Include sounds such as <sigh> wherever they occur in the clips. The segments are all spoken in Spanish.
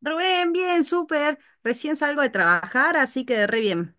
Rubén, bien, súper. Recién salgo de trabajar, así que re bien.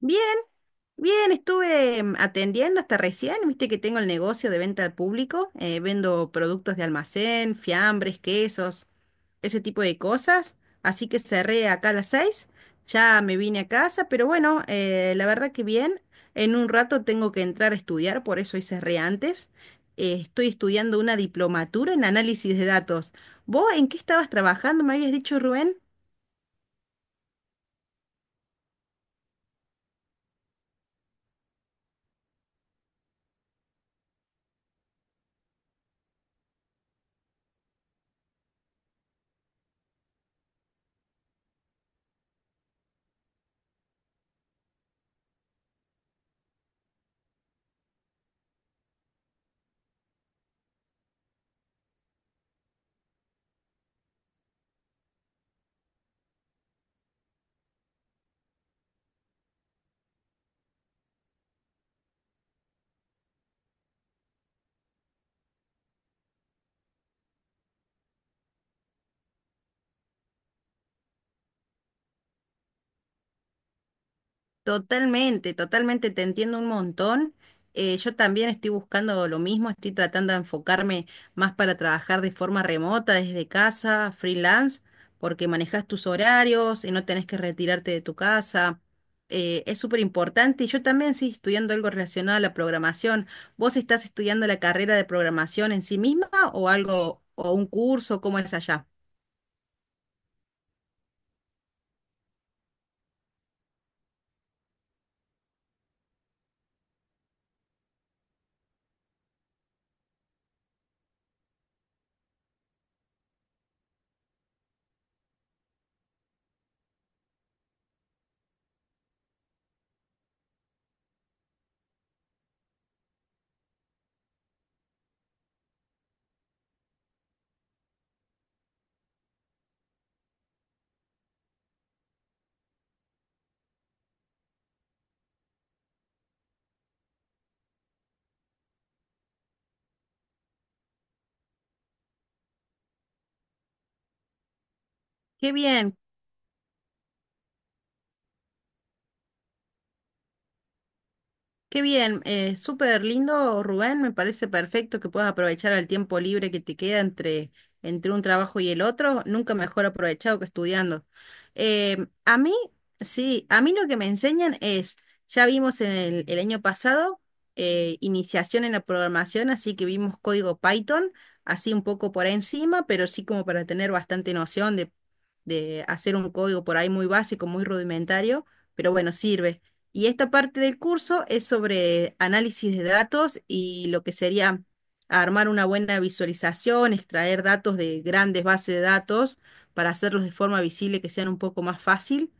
Bien, bien, estuve atendiendo hasta recién. Viste que tengo el negocio de venta al público. Vendo productos de almacén, fiambres, quesos, ese tipo de cosas. Así que cerré acá a las seis. Ya me vine a casa, pero bueno, la verdad que bien. En un rato tengo que entrar a estudiar, por eso hoy cerré antes. Estoy estudiando una diplomatura en análisis de datos. ¿Vos en qué estabas trabajando? Me habías dicho, Rubén. Totalmente, totalmente, te entiendo un montón. Yo también estoy buscando lo mismo, estoy tratando de enfocarme más para trabajar de forma remota, desde casa, freelance, porque manejas tus horarios y no tenés que retirarte de tu casa. Es súper importante y yo también estoy estudiando algo relacionado a la programación. ¿Vos estás estudiando la carrera de programación en sí misma o algo, o un curso? ¿Cómo es allá? Qué bien, qué bien, súper lindo, Rubén. Me parece perfecto que puedas aprovechar el tiempo libre que te queda entre, entre un trabajo y el otro. Nunca mejor aprovechado que estudiando. A mí, sí, a mí lo que me enseñan es, ya vimos en el año pasado, iniciación en la programación, así que vimos código Python, así un poco por encima, pero sí como para tener bastante noción de hacer un código por ahí muy básico, muy rudimentario, pero bueno, sirve. Y esta parte del curso es sobre análisis de datos y lo que sería armar una buena visualización, extraer datos de grandes bases de datos para hacerlos de forma visible que sean un poco más fácil.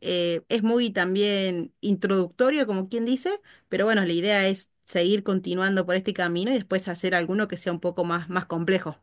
Es muy también introductorio, como quien dice, pero bueno, la idea es seguir continuando por este camino y después hacer alguno que sea un poco más, más complejo.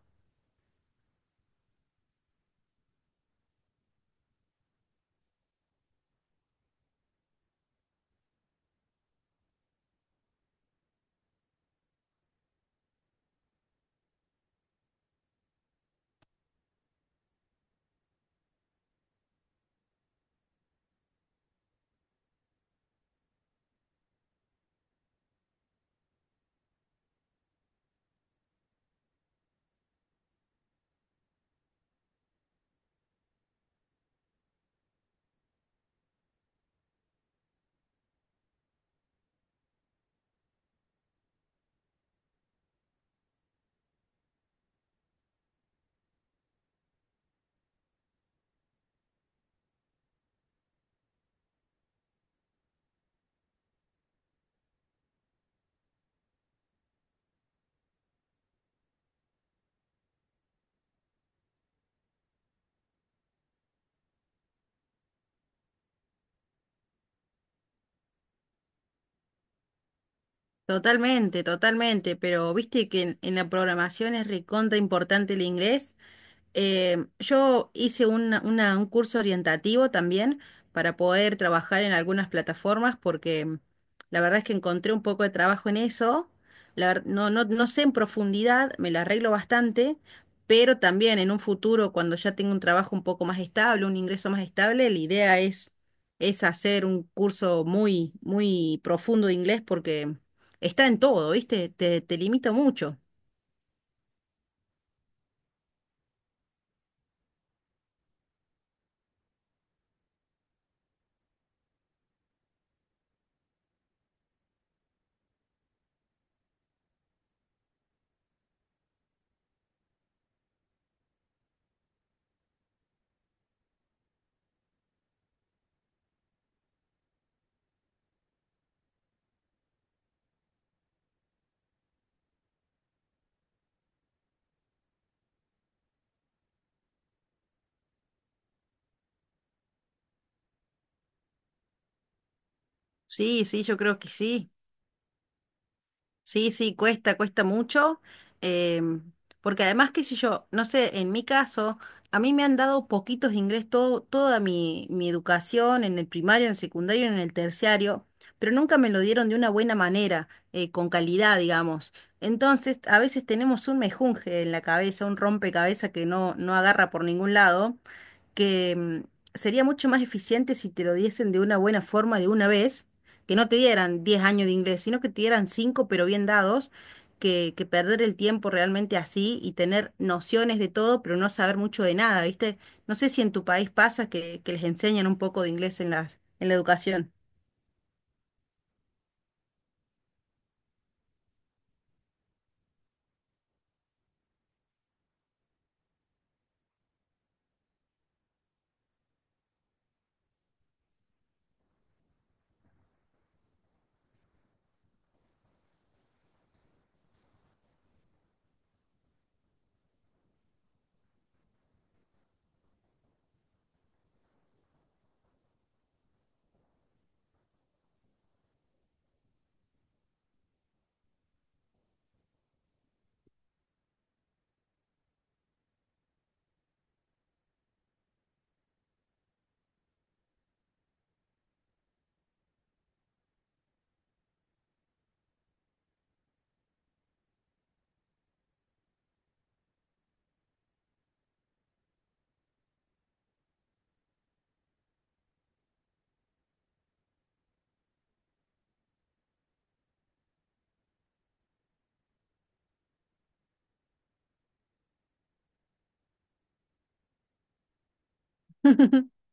Totalmente, totalmente, pero viste que en la programación es recontra importante el inglés. Yo hice un curso orientativo también para poder trabajar en algunas plataformas porque la verdad es que encontré un poco de trabajo en eso. No, no, no sé en profundidad, me la arreglo bastante, pero también en un futuro, cuando ya tenga un trabajo un poco más estable, un ingreso más estable, la idea es hacer un curso muy, muy profundo de inglés porque está en todo, ¿viste? Te limita mucho. Sí, sí, yo creo que sí. Sí, sí, cuesta, cuesta mucho, em, porque además, qué sé yo, no sé, en mi caso, a mí me han dado poquitos de inglés toda mi educación en el primario, en el secundario, en el terciario, pero nunca me lo dieron de una buena manera, con calidad, digamos. Entonces, a veces tenemos un mejunje en la cabeza, un rompecabezas que no, no agarra por ningún lado que sería mucho más eficiente si te lo diesen de una buena forma de una vez, que no te dieran 10 años de inglés, sino que te dieran 5 pero bien dados, que perder el tiempo realmente así y tener nociones de todo pero no saber mucho de nada, ¿viste? No sé si en tu país pasa que les enseñan un poco de inglés en la educación. <laughs>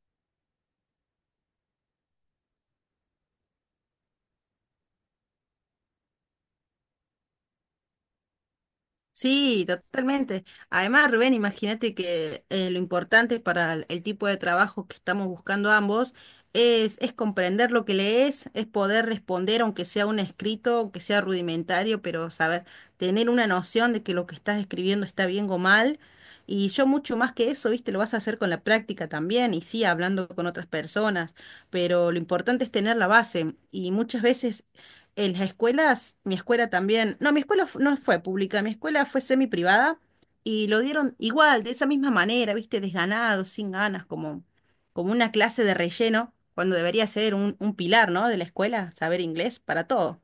Sí, totalmente. Además, Rubén, imagínate que lo importante para el tipo de trabajo que estamos buscando ambos es comprender lo que lees, es poder responder, aunque sea un escrito, aunque sea rudimentario, pero saber, tener una noción de que lo que estás escribiendo está bien o mal. Y yo mucho más que eso, viste, lo vas a hacer con la práctica también, y sí, hablando con otras personas, pero lo importante es tener la base. Y muchas veces en las escuelas, mi escuela también, no, mi escuela no fue pública, mi escuela fue semi privada y lo dieron igual, de esa misma manera, viste, desganado, sin ganas, como, como una clase de relleno, cuando debería ser un pilar, ¿no? De la escuela, saber inglés para todo.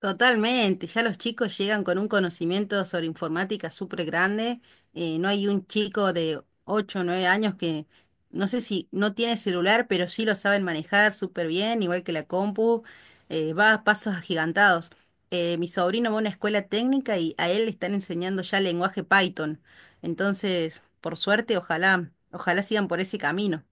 Totalmente, ya los chicos llegan con un conocimiento sobre informática súper grande. No hay un chico de 8, o 9 años que no sé si no tiene celular, pero sí lo saben manejar súper bien, igual que la compu. Va a pasos agigantados. Mi sobrino va a una escuela técnica y a él le están enseñando ya lenguaje Python. Entonces, por suerte, ojalá, ojalá sigan por ese camino.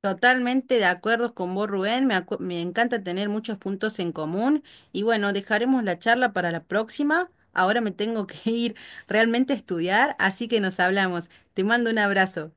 Totalmente de acuerdo con vos, Rubén. Me encanta tener muchos puntos en común. Y bueno, dejaremos la charla para la próxima. Ahora me tengo que <laughs> ir realmente a estudiar, así que nos hablamos. Te mando un abrazo.